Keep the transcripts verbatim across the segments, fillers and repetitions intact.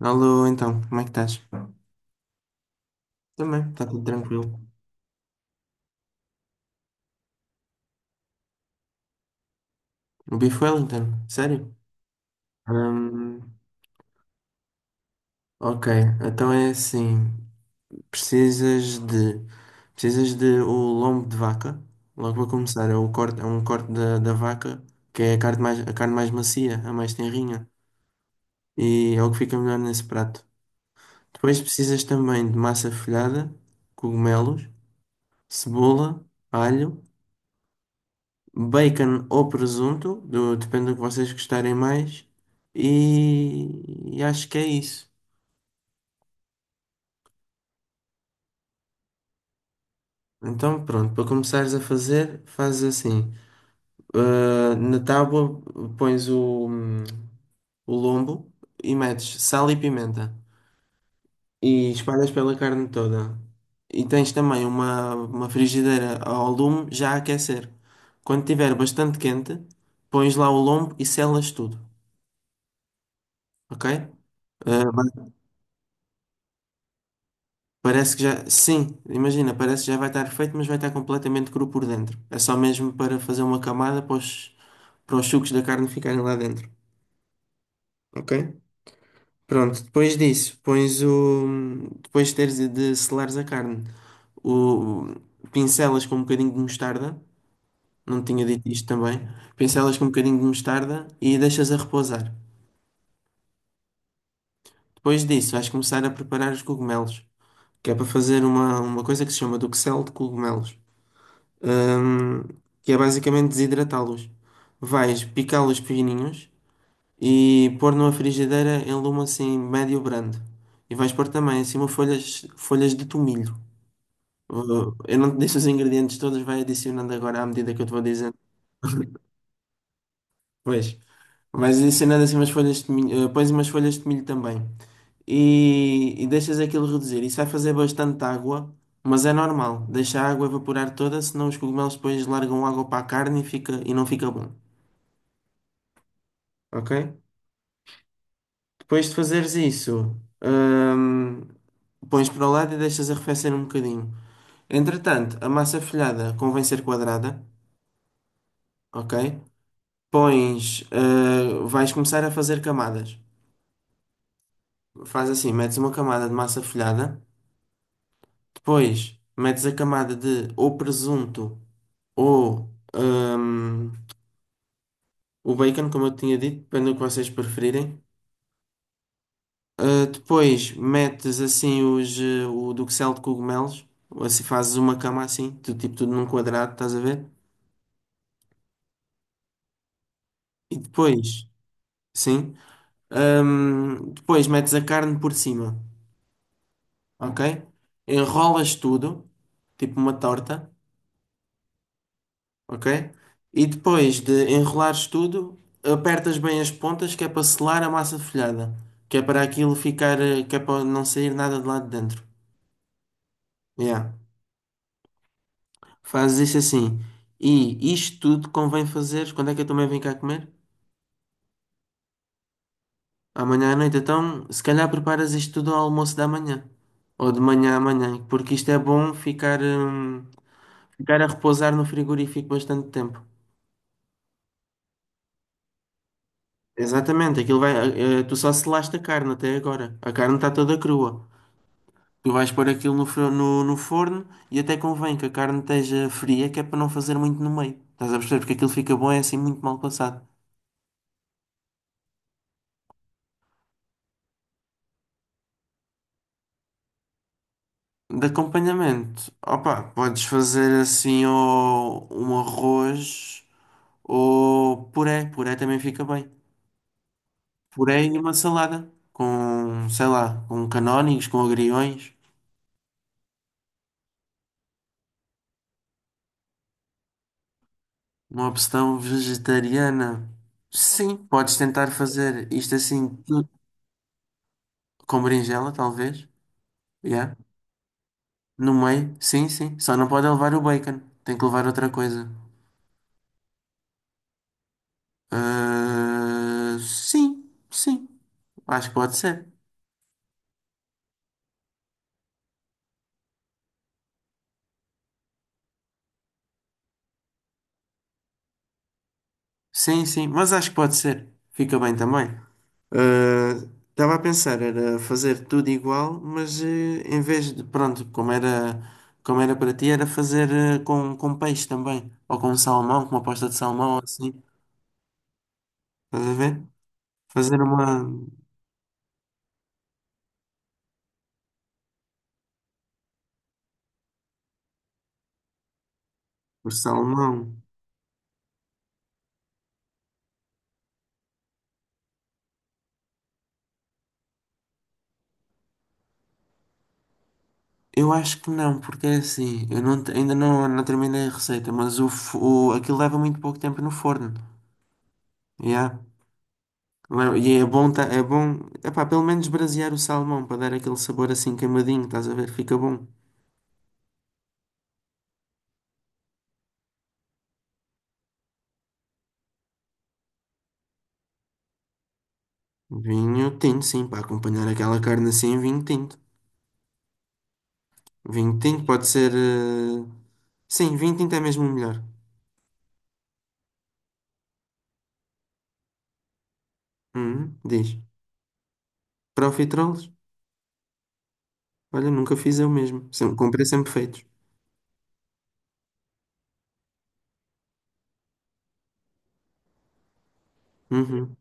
Alô, então, como é que estás? Também, está tudo tranquilo. O Bife Wellington, sério? Hum, ok, então é assim, precisas de, precisas de o lombo de vaca, logo para começar, é, o corte, é um corte da, da vaca, que é a carne mais, a carne mais macia, a mais tenrinha, e é o que fica melhor nesse prato. Depois precisas também de massa folhada, cogumelos, cebola, alho, bacon ou presunto, do- depende do que vocês gostarem mais. E, e acho que é isso. Então, pronto, para começares a fazer, fazes assim: ah, na tábua pões o, o lombo e metes sal e pimenta e espalhas pela carne toda. E tens também uma, uma frigideira ao lume já a aquecer. Quando estiver bastante quente, pões lá o lombo e selas tudo, ok? Ah, parece que já. Sim, imagina, parece que já vai estar feito, mas vai estar completamente cru por dentro. É só mesmo para fazer uma camada para os, para os sucos da carne ficarem lá dentro. Ok? Pronto, depois disso, pões o. Depois de teres de selares a carne, o... pincelas com um bocadinho de mostarda. Não tinha dito isto também. Pincelas com um bocadinho de mostarda e deixas a repousar. Depois disso, vais começar a preparar os cogumelos, que é para fazer uma, uma coisa que se chama duxelle de cogumelos. hum, que é basicamente desidratá-los. Vais picá-los pequenininhos e pôr numa frigideira em lume assim médio brando. E vais pôr também em cima folhas, folhas de tomilho. Uh, Eu não te disse os ingredientes todos, vai adicionando agora à medida que eu te vou dizendo. Pois, vais adicionando assim umas folhas de tomilho, eh, pões umas folhas de tomilho também. E, e deixas aquilo reduzir. Isso vai fazer bastante água, mas é normal. Deixa a água evaporar toda, senão os cogumelos depois largam água para a carne e, fica, e não fica bom. Ok? Depois de fazeres isso, hum, pões para o lado e deixas arrefecer um bocadinho. Entretanto, a massa folhada convém ser quadrada, ok? Pões, eh, vais começar a fazer camadas. Faz assim, metes uma camada de massa folhada, depois metes a camada de ou presunto ou hum, o bacon, como eu tinha dito, depende do que vocês preferirem. Uh, depois metes assim os, uh, o Duxelle de cogumelos, assim fazes uma cama assim, do tipo tudo num quadrado, estás a ver? E depois, sim, um, depois metes a carne por cima, ok? Enrolas tudo, tipo uma torta, ok? E depois de enrolares tudo, apertas bem as pontas que é para selar a massa folhada, que é para aquilo ficar, uh, que é para não sair nada de lá de dentro. Yeah. Fazes isso assim. E isto tudo convém fazeres. Quando é que eu também venho cá comer? Amanhã à noite. Então, se calhar preparas isto tudo ao almoço da manhã. Ou de manhã à manhã. Porque isto é bom ficar, hum, ficar a repousar no frigorífico bastante tempo. Exatamente. Aquilo vai, eh, eh, tu só selaste a carne até agora. A carne está toda crua. Tu vais pôr aquilo no, fro- no, no forno e até convém que a carne esteja fria, que é para não fazer muito no meio. Estás a perceber? Porque aquilo fica bom, é assim muito mal passado. De acompanhamento, opa, podes fazer assim ou um arroz ou puré, puré também fica bem. Puré e uma salada com, sei lá, com canónigos, com agriões, uma opção vegetariana. Sim, podes tentar fazer isto assim tudo com berinjela, talvez, yeah. No meio, sim, sim. Só não pode levar o bacon, tem que levar outra coisa. Ah, sim, sim, acho que pode ser. Sim, sim, mas acho que pode ser. Fica bem também. Ah, estava a pensar, era fazer tudo igual, mas eh, em vez de, pronto, como era, como era para ti, era fazer eh, com, com peixe também, ou com salmão, com uma pasta de salmão, assim, estás a ver? Fazer uma por salmão. Eu acho que não, porque é assim, eu não, te- ainda não, não terminei a receita, mas o, f- o, aquilo leva muito pouco tempo no forno, já? Não é? E é bom, tá, é bom, epá, pelo menos brasear o salmão para dar aquele sabor assim queimadinho, estás a ver? Fica bom. Vinho tinto, sim, para acompanhar aquela carne assim, vinho tinto. Vinho tinto pode ser. eh, Sim, vinho tinto é mesmo o melhor. Uhum, diz. Profiteroles? Olha, nunca fiz eu mesmo. Sempre, comprei sempre feitos. Uhum.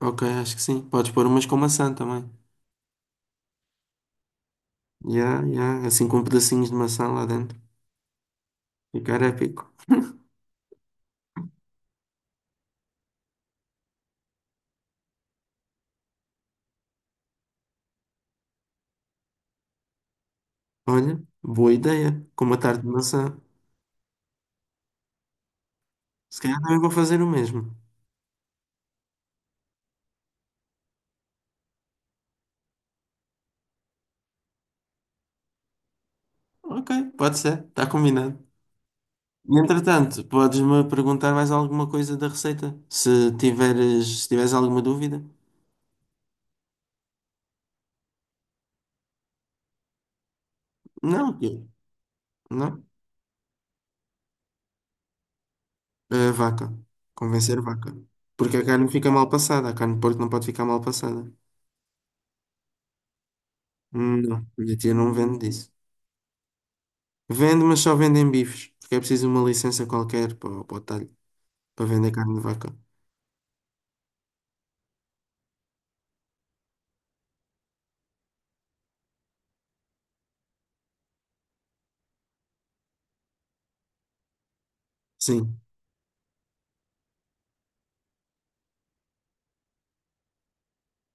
Ok, acho que sim. Podes pôr umas com maçã também. Ya, ya, assim com pedacinhos de maçã lá dentro. Ficar épico. Olha, boa ideia. Com uma tarte de maçã. Se calhar também vou fazer o mesmo. Ok, pode ser, está combinado. E, entretanto, podes-me perguntar mais alguma coisa da receita? Se tiveres, se tiveres alguma dúvida? Não, eu- não. É a vaca. Convencer a vaca. Porque a carne fica mal passada. A carne de porco não pode ficar mal passada. Hum, Não, minha tia não vende disso. Vende, mas só vende em bifes. Porque é preciso uma licença qualquer para, o para o talho, para vender carne de vaca. Sim.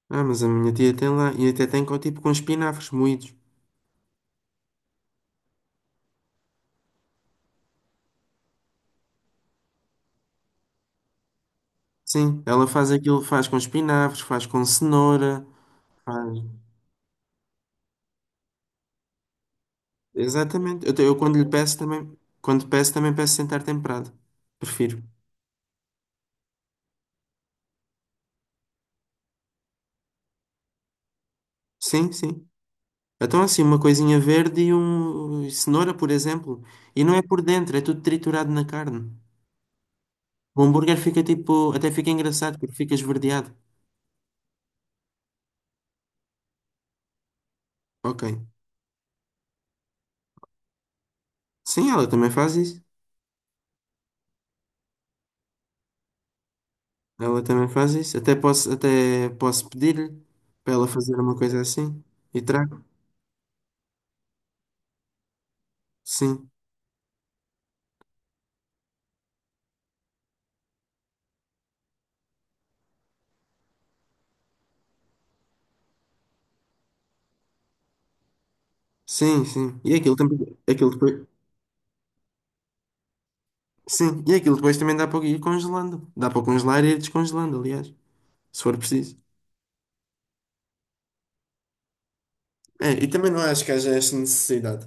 Ah, mas a minha tia tem lá e até tem com, tipo com espinafres moídos. Sim, ela faz aquilo, faz com espinafres, faz com cenoura, faz... Exatamente. Eu, te- eu quando lhe peço também, quando peço também peço sem estar temperado. Prefiro. Sim, sim. Então assim, uma coisinha verde e um e cenoura, por exemplo, e não é por dentro, é tudo triturado na carne. O hambúrguer fica tipo, até fica engraçado porque fica esverdeado. Ok. Sim, ela também faz isso. Ela também faz isso. Até posso, até posso pedir-lhe para ela fazer uma coisa assim e trago. Sim. Sim, sim. E aquilo também. Aquilo depois, sim, e aquilo depois também dá para ir congelando. Dá para congelar e ir descongelando, aliás, se for preciso. É, e também não acho que haja esta necessidade.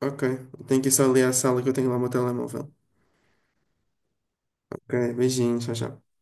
Ok, tenho que ir só ali à sala que eu tenho lá o meu telemóvel. Ok, beijinhos, tchau, tchau.